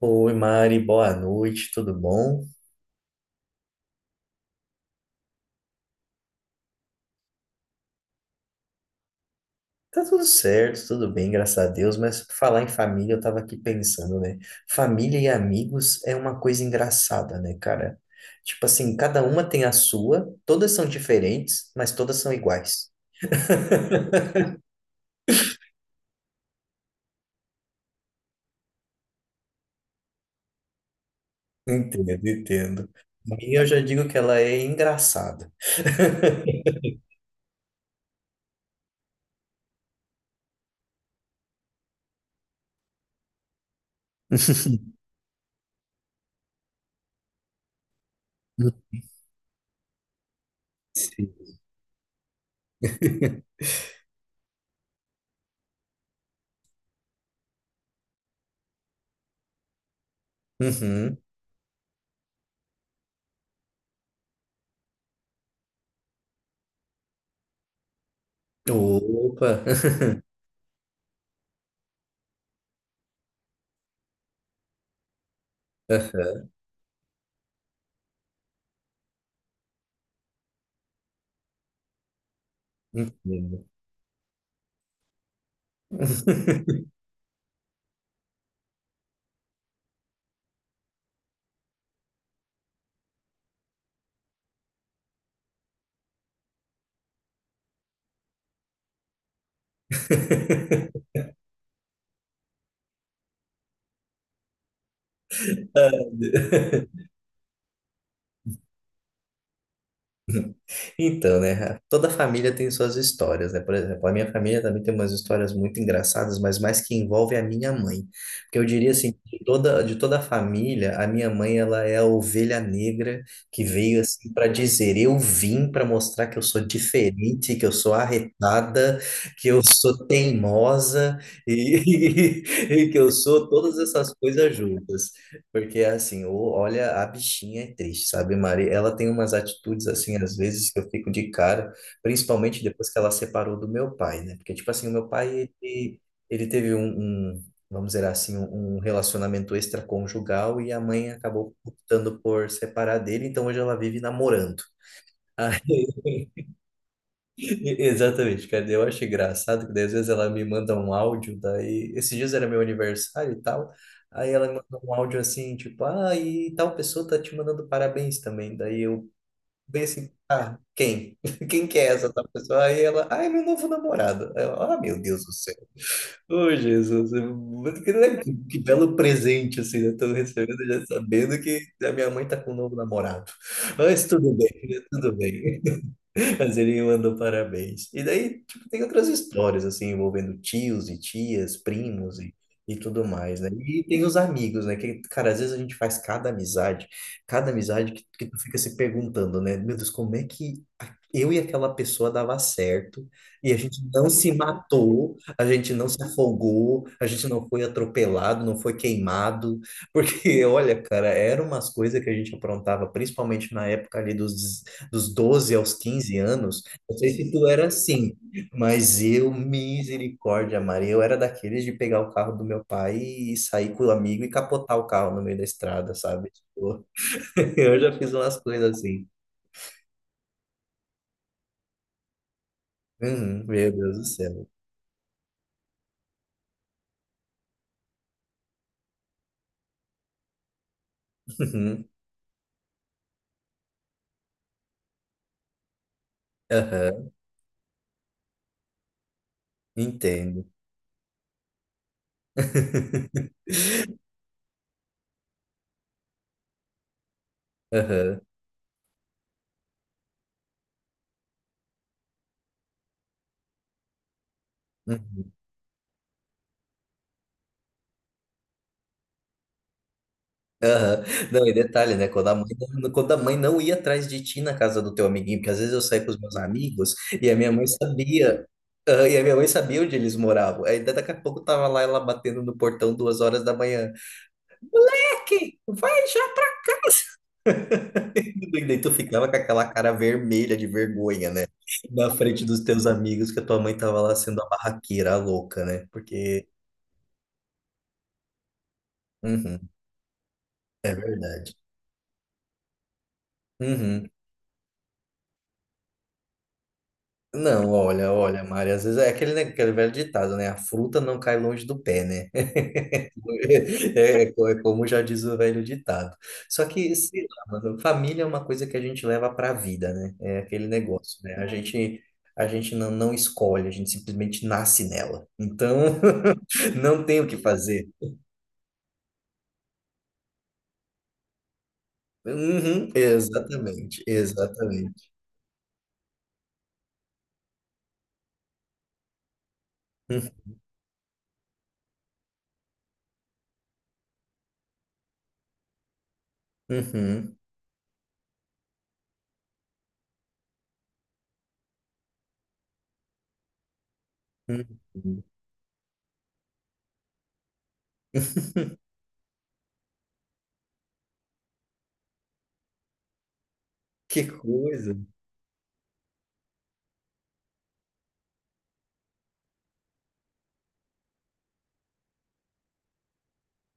Oi, Mari, boa noite, tudo bom? Tá tudo certo, tudo bem, graças a Deus, mas falar em família, eu tava aqui pensando, né? Família e amigos é uma coisa engraçada, né, cara? Tipo assim, cada uma tem a sua, todas são diferentes, mas todas são iguais. Entendo, entendo. Minha, eu já digo que ela é engraçada. Sim. Uhum. Opa! Entendo. Então, né? Toda família tem suas histórias, né? Por exemplo, a minha família também tem umas histórias muito engraçadas, mas mais que envolve a minha mãe. Porque eu diria assim, de toda a família, a minha mãe, ela é a ovelha negra que veio assim para dizer, eu vim para mostrar que eu sou diferente, que eu sou arretada, que eu sou teimosa e, e que eu sou todas essas coisas juntas. Porque assim, olha, a bichinha é triste, sabe, Mari? Ela tem umas atitudes assim, às vezes, que eu fico de cara, principalmente depois que ela separou do meu pai, né? Porque, tipo assim, o meu pai, ele teve vamos dizer assim, um relacionamento extraconjugal e a mãe acabou optando por separar dele, então hoje ela vive namorando. Exatamente, cara. Eu acho engraçado que daí, às vezes ela me manda um áudio, daí esses dias era meu aniversário e tal. Aí ela me manda um áudio assim, tipo, ah, e tal pessoa tá te mandando parabéns também. Daí eu bem assim, ah, quem? Quem que é essa tal pessoa? Aí ela, ah, é meu novo namorado. Aí eu, ah, meu Deus do céu. Ô, Jesus, que, né, que belo presente, assim, eu tô recebendo já sabendo que a minha mãe tá com um novo namorado. Mas tudo bem, né? Tudo bem. Mas ele me mandou parabéns. E daí, tipo, tem outras histórias, assim, envolvendo tios e tias, primos e tudo mais, né? E tem os amigos, né? Que, cara, às vezes a gente faz cada amizade que tu fica se perguntando, né? Meu Deus, como é que eu e aquela pessoa dava certo e a gente não se matou, a gente não se afogou, a gente não foi atropelado, não foi queimado, porque, olha, cara, eram umas coisas que a gente aprontava, principalmente na época ali dos 12 aos 15 anos, não sei se tu era assim, mas eu, misericórdia, Maria, eu era daqueles de pegar o carro do meu pai e sair com o amigo e capotar o carro no meio da estrada, sabe? Tipo, eu já fiz umas coisas assim. Uhum, meu Deus do céu. Uhum, aham, entendo. Aham. Uhum. Não, e detalhe, né? Quando a mãe não, quando a mãe não ia atrás de ti na casa do teu amiguinho, porque às vezes eu saía com os meus amigos e a minha mãe sabia, ah, e a minha mãe sabia onde eles moravam. Aí daqui a pouco tava lá ela batendo no portão 2 horas da manhã. Moleque, vai já! E daí tu ficava com aquela cara vermelha de vergonha, né? Na frente dos teus amigos, que a tua mãe tava lá sendo a barraqueira, a louca, né? Porque. Uhum, é verdade. Uhum. Não, olha, olha, Mari, às vezes é aquele, né, aquele velho ditado, né? A fruta não cai longe do pé, né? É, é como já diz o velho ditado. Só que, sei lá, mano, família é uma coisa que a gente leva para a vida, né? É aquele negócio, né? A gente, não escolhe, a gente simplesmente nasce nela. Então, não tem o que fazer. Uhum, exatamente, exatamente. Uhum, uhum. Que coisa.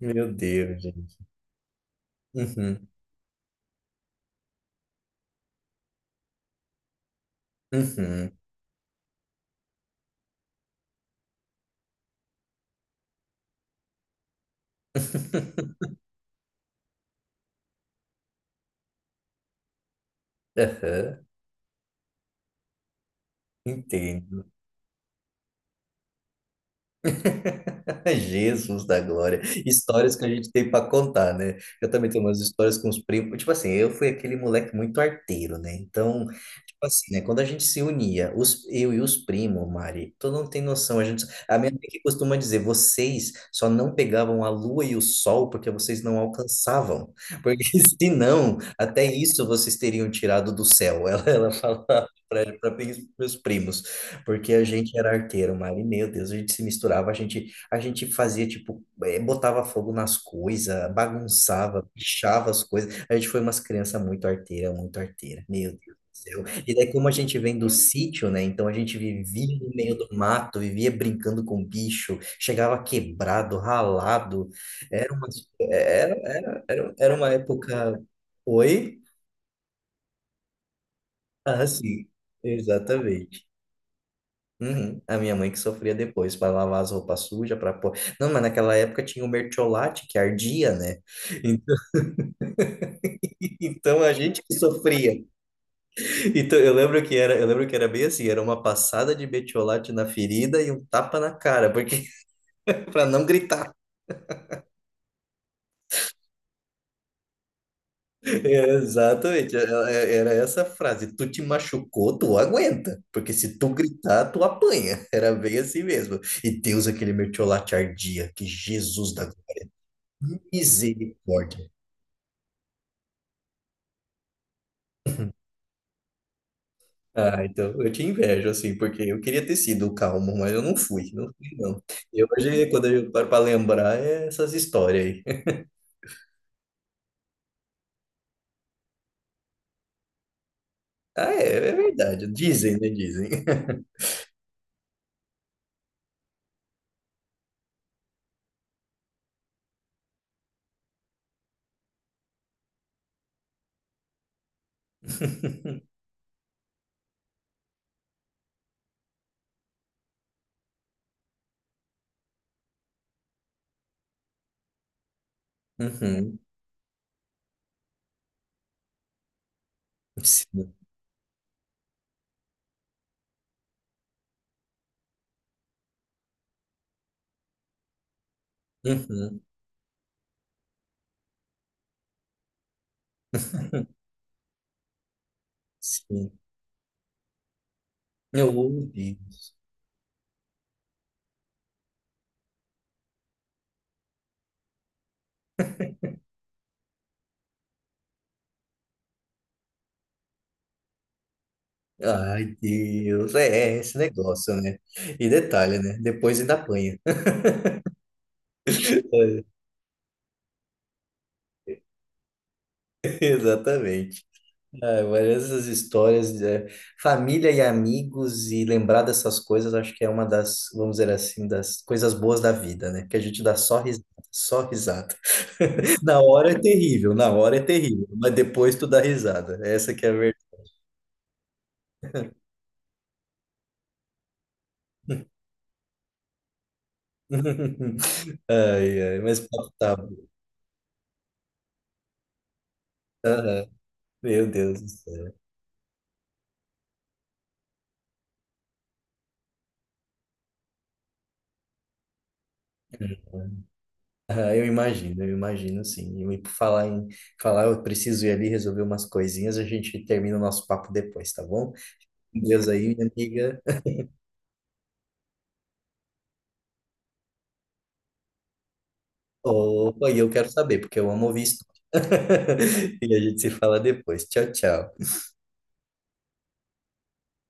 Meu Deus, gente. Uhum. Uhum. Aham. Entendo. Jesus da glória. Histórias que a gente tem para contar, né? Eu também tenho umas histórias com os primos. Tipo assim, eu fui aquele moleque muito arteiro, né? Então, tipo assim, né? Quando a gente se unia, os, eu e os primos, Mari, tu não tem noção. A gente, a minha mãe que costuma dizer, vocês só não pegavam a lua e o sol porque vocês não alcançavam. Porque se não, até isso vocês teriam tirado do céu. Ela falava para meus primos. Porque a gente era arteiro, Mari, meu Deus, a gente se misturava, a gente fazia, tipo, botava fogo nas coisas, bagunçava, pichava as coisas. A gente foi umas crianças muito arteira, meu Deus do céu. E daí, como a gente vem do sítio, né? Então a gente vivia no meio do mato, vivia brincando com bicho, chegava quebrado, ralado. Era uma, era uma época. Oi? Ah, sim, exatamente. Uhum. A minha mãe que sofria depois para lavar as roupas sujas, para pôr. Não, mas naquela época tinha o mertiolate que ardia, né? Então então a gente que sofria. Então eu lembro que era bem assim, era uma passada de mertiolate na ferida e um tapa na cara, porque para não gritar. É, exatamente, era essa frase. Tu te machucou, tu aguenta, porque se tu gritar, tu apanha. Era bem assim mesmo. E Deus aquele mertiolate ardia, que Jesus da misericórdia. Ah, então eu te invejo, assim, porque eu queria ter sido o calmo, mas eu não fui, não. E hoje, quando eu paro para lembrar, é essas histórias aí. Ah, é, é verdade. Dizem, né? Dizem. Uhum, sim. Uhum, sim. Meu Deus. Ai, Deus. É, é esse negócio, né? E detalhe, né? Depois ainda apanha. Exatamente. É, várias essas histórias, é, família e amigos, e lembrar dessas coisas, acho que é uma das, vamos dizer assim, das coisas boas da vida, né? Que a gente dá só risada, só risada. Na hora é terrível, na hora é terrível, mas depois tu dá risada. Essa que é a verdade. Ai, ai, mas o papo tá bom. Aham, meu Deus do céu. Ah, eu imagino sim. E por falar em falar, eu preciso ir ali resolver umas coisinhas, a gente termina o nosso papo depois, tá bom? Com Deus aí, minha amiga. Opa, e eu quero saber, porque eu amo ouvir história. E a gente se fala depois. Tchau, tchau.